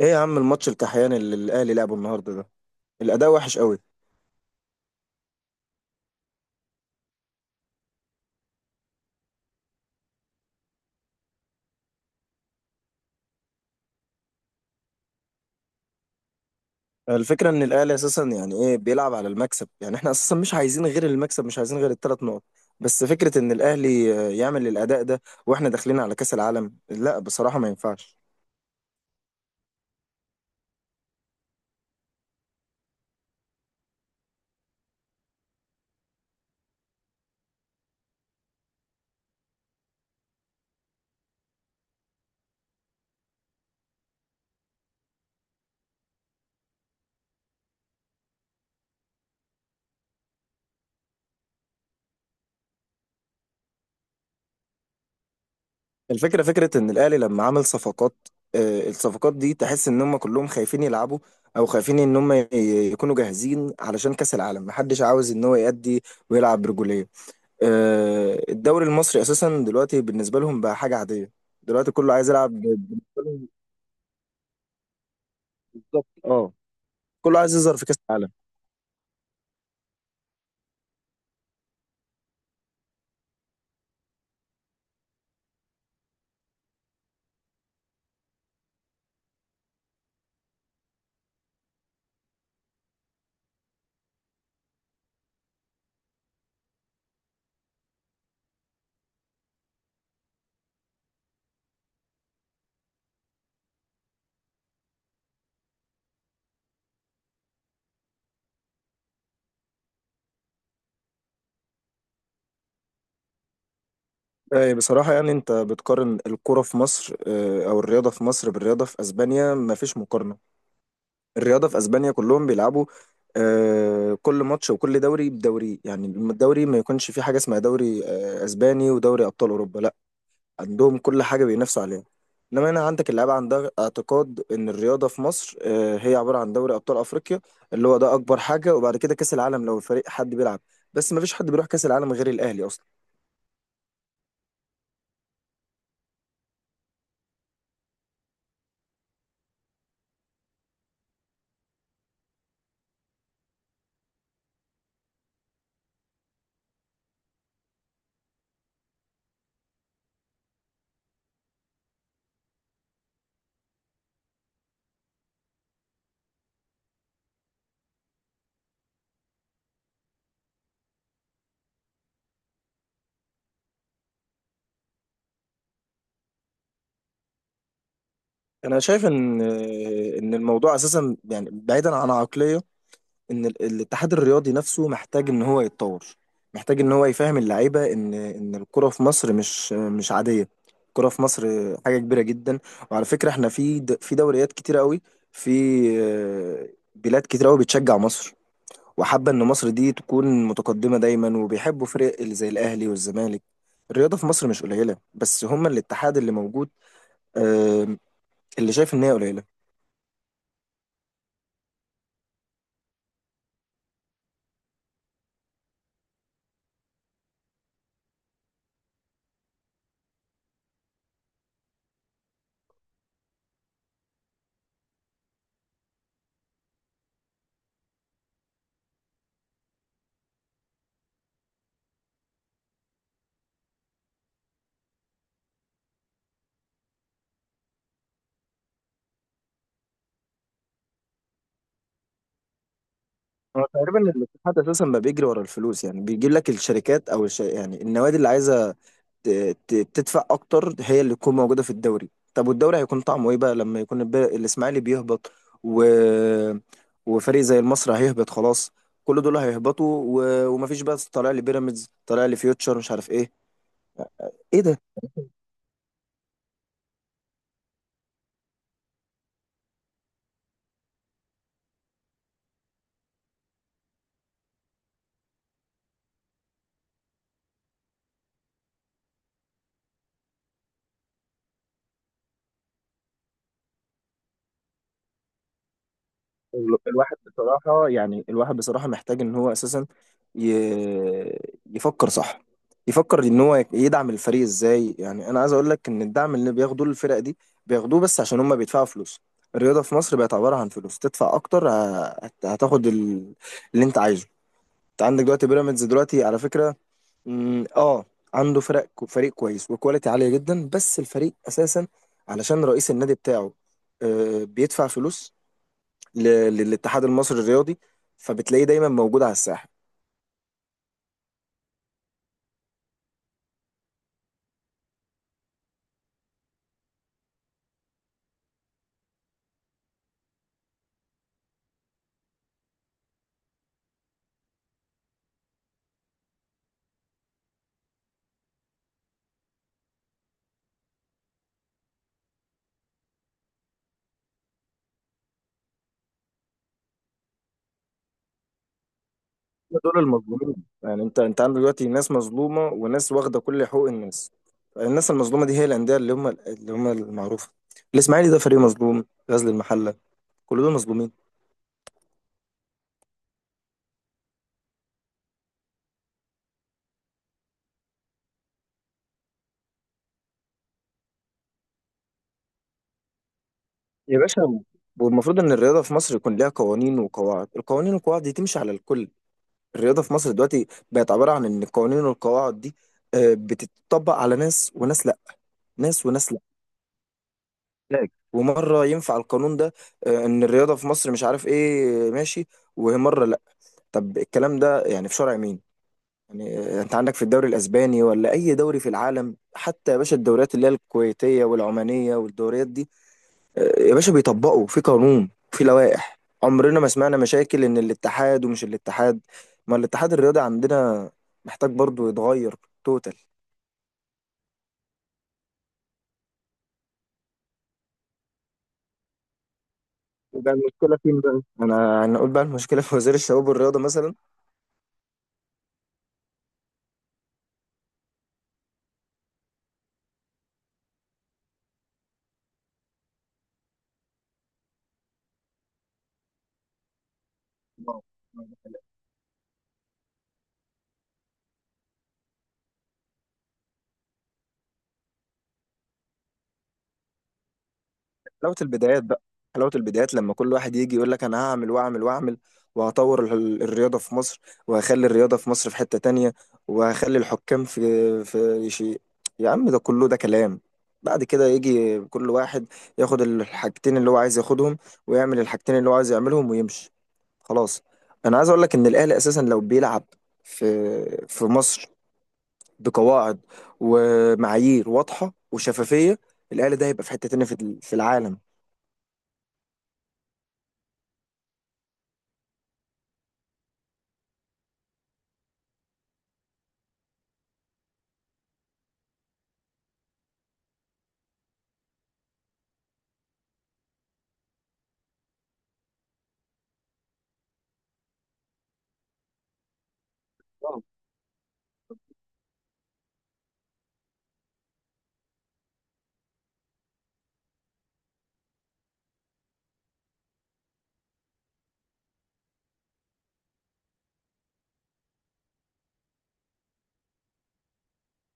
ايه يا عم الماتش الكحيان اللي الاهلي لعبه النهارده ده؟ الاداء وحش قوي. الفكره ان الاهلي اساسا يعني ايه، بيلعب على المكسب، يعني احنا اساسا مش عايزين غير المكسب، مش عايزين غير الثلاث نقط. بس فكره ان الاهلي يعمل الاداء ده واحنا داخلين على كاس العالم، لا بصراحه ما ينفعش. الفكره فكره ان الاهلي لما عمل صفقات، الصفقات دي تحس ان هم كلهم خايفين يلعبوا او خايفين ان هم يكونوا جاهزين علشان كاس العالم، محدش عاوز ان هو يأدي ويلعب برجوليه. الدوري المصري اساسا دلوقتي بالنسبه لهم بقى حاجه عاديه، دلوقتي كله عايز يلعب بالنسبه لهم. بالظبط اه. كله عايز يظهر في كاس العالم. بصراحه يعني انت بتقارن الكره في مصر او الرياضه في مصر بالرياضه في اسبانيا، ما فيش مقارنه. الرياضه في اسبانيا كلهم بيلعبوا، كل ماتش وكل دوري بدوري، يعني الدوري ما يكونش فيه حاجه اسمها دوري اسباني ودوري ابطال اوروبا لا، عندهم كل حاجة بينافسوا عليها. انما هنا عندك اللعيبة عندها اعتقاد ان الرياضة في مصر هي عبارة عن دوري ابطال افريقيا، اللي هو ده اكبر حاجة، وبعد كده كاس العالم لو الفريق حد بيلعب، بس ما فيش حد بيروح كاس العالم غير الاهلي اصلا. انا شايف ان ان الموضوع اساسا يعني بعيدا عن عقلية، ان الاتحاد الرياضي نفسه محتاج ان هو يتطور، محتاج ان هو يفهم اللعيبه ان الكره في مصر مش عاديه. الكره في مصر حاجه كبيره جدا. وعلى فكره احنا في في دوريات كتيره قوي، في آه، بلاد كتيره قوي بتشجع مصر وحابه ان مصر دي تكون متقدمه دايما، وبيحبوا فرق اللي زي الاهلي والزمالك. الرياضه في مصر مش قليله، بس هما الاتحاد اللي موجود آه، اللي شايف ان هي قليله. هو تقريبا الاتحاد اساسا ما بيجري ورا الفلوس، يعني بيجيب لك الشركات او يعني النوادي اللي عايزه ت... ت... تدفع اكتر هي اللي تكون موجوده في الدوري. طب والدوري هيكون طعمه ايه بقى لما يكون الاسماعيلي بيهبط و... وفريق زي المصري هيهبط؟ خلاص، كل دول هيهبطوا ومفيش بقى، طالع لي بيراميدز، طالع لي فيوتشر، مش عارف ايه. ايه ده؟ الواحد بصراحة، يعني الواحد بصراحة محتاج إن هو أساسا ي- يفكر صح، يفكر إن هو يدعم الفريق إزاي. يعني أنا عايز أقول لك إن الدعم اللي بياخدوه الفرق دي، بياخدوه بس عشان هما بيدفعوا فلوس. الرياضة في مصر بقت عبارة عن فلوس، تدفع أكتر هتاخد اللي أنت عايزه. أنت عندك دلوقتي بيراميدز، دلوقتي على فكرة مم، آه عنده فرق، فريق كويس وكواليتي عالية جدا، بس الفريق أساسا علشان رئيس النادي بتاعه بيدفع فلوس للاتحاد المصري الرياضي، فبتلاقيه دايما موجود على الساحه. هم دول المظلومين، يعني انت عندك دلوقتي ناس مظلومه وناس واخده كل حقوق الناس. الناس المظلومه دي هي الانديه اللي هم، المعروفه. الاسماعيلي ده فريق مظلوم، غزل المحله، كل دول مظلومين. يا باشا، والمفروض ان الرياضه في مصر يكون ليها قوانين وقواعد، القوانين والقواعد دي تمشي على الكل. الرياضه في مصر دلوقتي بقت عباره عن ان القوانين والقواعد دي بتتطبق على ناس وناس لا، ناس وناس لا. فلاج. ومره ينفع القانون ده ان الرياضه في مصر، مش عارف ايه، ماشي، ومره لا. طب الكلام ده يعني في شرع مين؟ يعني انت عندك في الدوري الاسباني ولا اي دوري في العالم، حتى يا باشا الدوريات اللي هي الكويتيه والعمانيه والدوريات دي، يا باشا بيطبقوا في قانون، في لوائح، عمرنا ما سمعنا مشاكل ان الاتحاد ومش الاتحاد. ما الاتحاد الرياضي عندنا محتاج برضو يتغير توتال. يبقى المشكلة فين بقى؟ أنا أقول بقى المشكلة في وزير الشباب والرياضة مثلا. حلاوة البدايات بقى، حلاوة البدايات لما كل واحد يجي يقول لك أنا هعمل وأعمل وأعمل، وهطور الرياضة في مصر، وهخلي الرياضة في مصر في حتة تانية، وهخلي الحكام في شيء. يا عم ده كله ده كلام. بعد كده يجي كل واحد ياخد الحاجتين اللي هو عايز ياخدهم، ويعمل الحاجتين اللي هو عايز يعملهم ويمشي خلاص. أنا عايز أقول لك إن الأهلي أساسا لو بيلعب في مصر بقواعد ومعايير واضحة وشفافية، الأهلي ده هيبقى في حتة تانية في في العالم.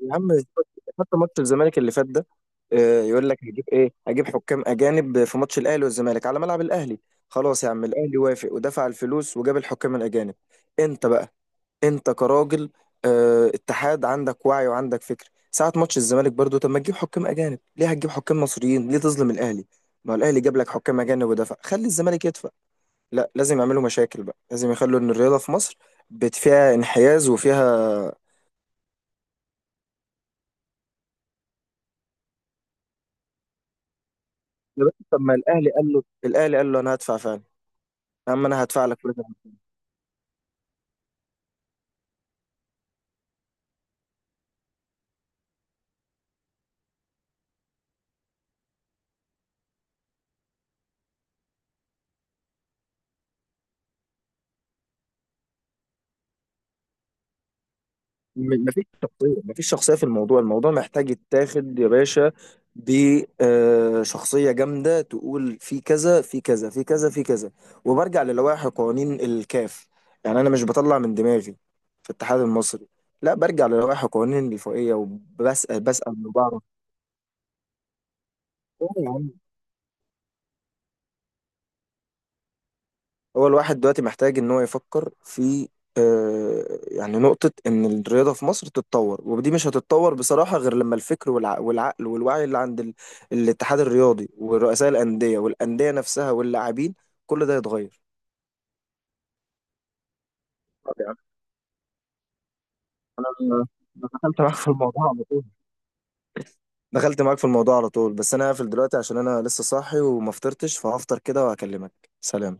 يا عم، حتى ماتش الزمالك اللي فات ده، يقول لك هجيب ايه، هجيب حكام اجانب في ماتش الاهلي والزمالك على ملعب الاهلي. خلاص يا عم، الاهلي وافق ودفع الفلوس وجاب الحكام الاجانب. انت بقى، انت كراجل اتحاد، عندك وعي وعندك فكر، ساعة ماتش الزمالك برضو طب ما تجيب حكام اجانب، ليه هتجيب حكام مصريين، ليه تظلم الاهلي؟ ما هو الاهلي جاب لك حكام اجانب ودفع، خلي الزمالك يدفع. لا، لازم يعملوا مشاكل بقى، لازم يخلوا ان الرياضة في مصر فيها انحياز وفيها. يا باشا طب ما الاهلي قال له، الاهلي قال له انا هدفع فعلا، يا عم انا هدفع لك كل ده. مفيش شخصيه، مفيش شخصيه في الموضوع، الموضوع محتاج يتاخد يا باشا بشخصيه جامده، تقول في كذا في كذا في كذا في كذا، وبرجع للوائح قوانين الكاف، يعني انا مش بطلع من دماغي في الاتحاد المصري، لا برجع للوائح قوانين الفوقيه، وبسال من بعض. هو الواحد دلوقتي محتاج ان هو يفكر في يعني نقطة ان الرياضة في مصر تتطور، ودي مش هتتطور بصراحة غير لما الفكر والعقل والوعي اللي عند الاتحاد الرياضي ورؤساء الأندية والأندية نفسها واللاعبين، كل ده يتغير. طب يعني انا أنا دخلت معاك في الموضوع على طول، دخلت معاك في الموضوع على طول، بس انا هقفل دلوقتي عشان انا لسه صاحي وما فطرتش، فهفطر كده وهكلمك. سلام.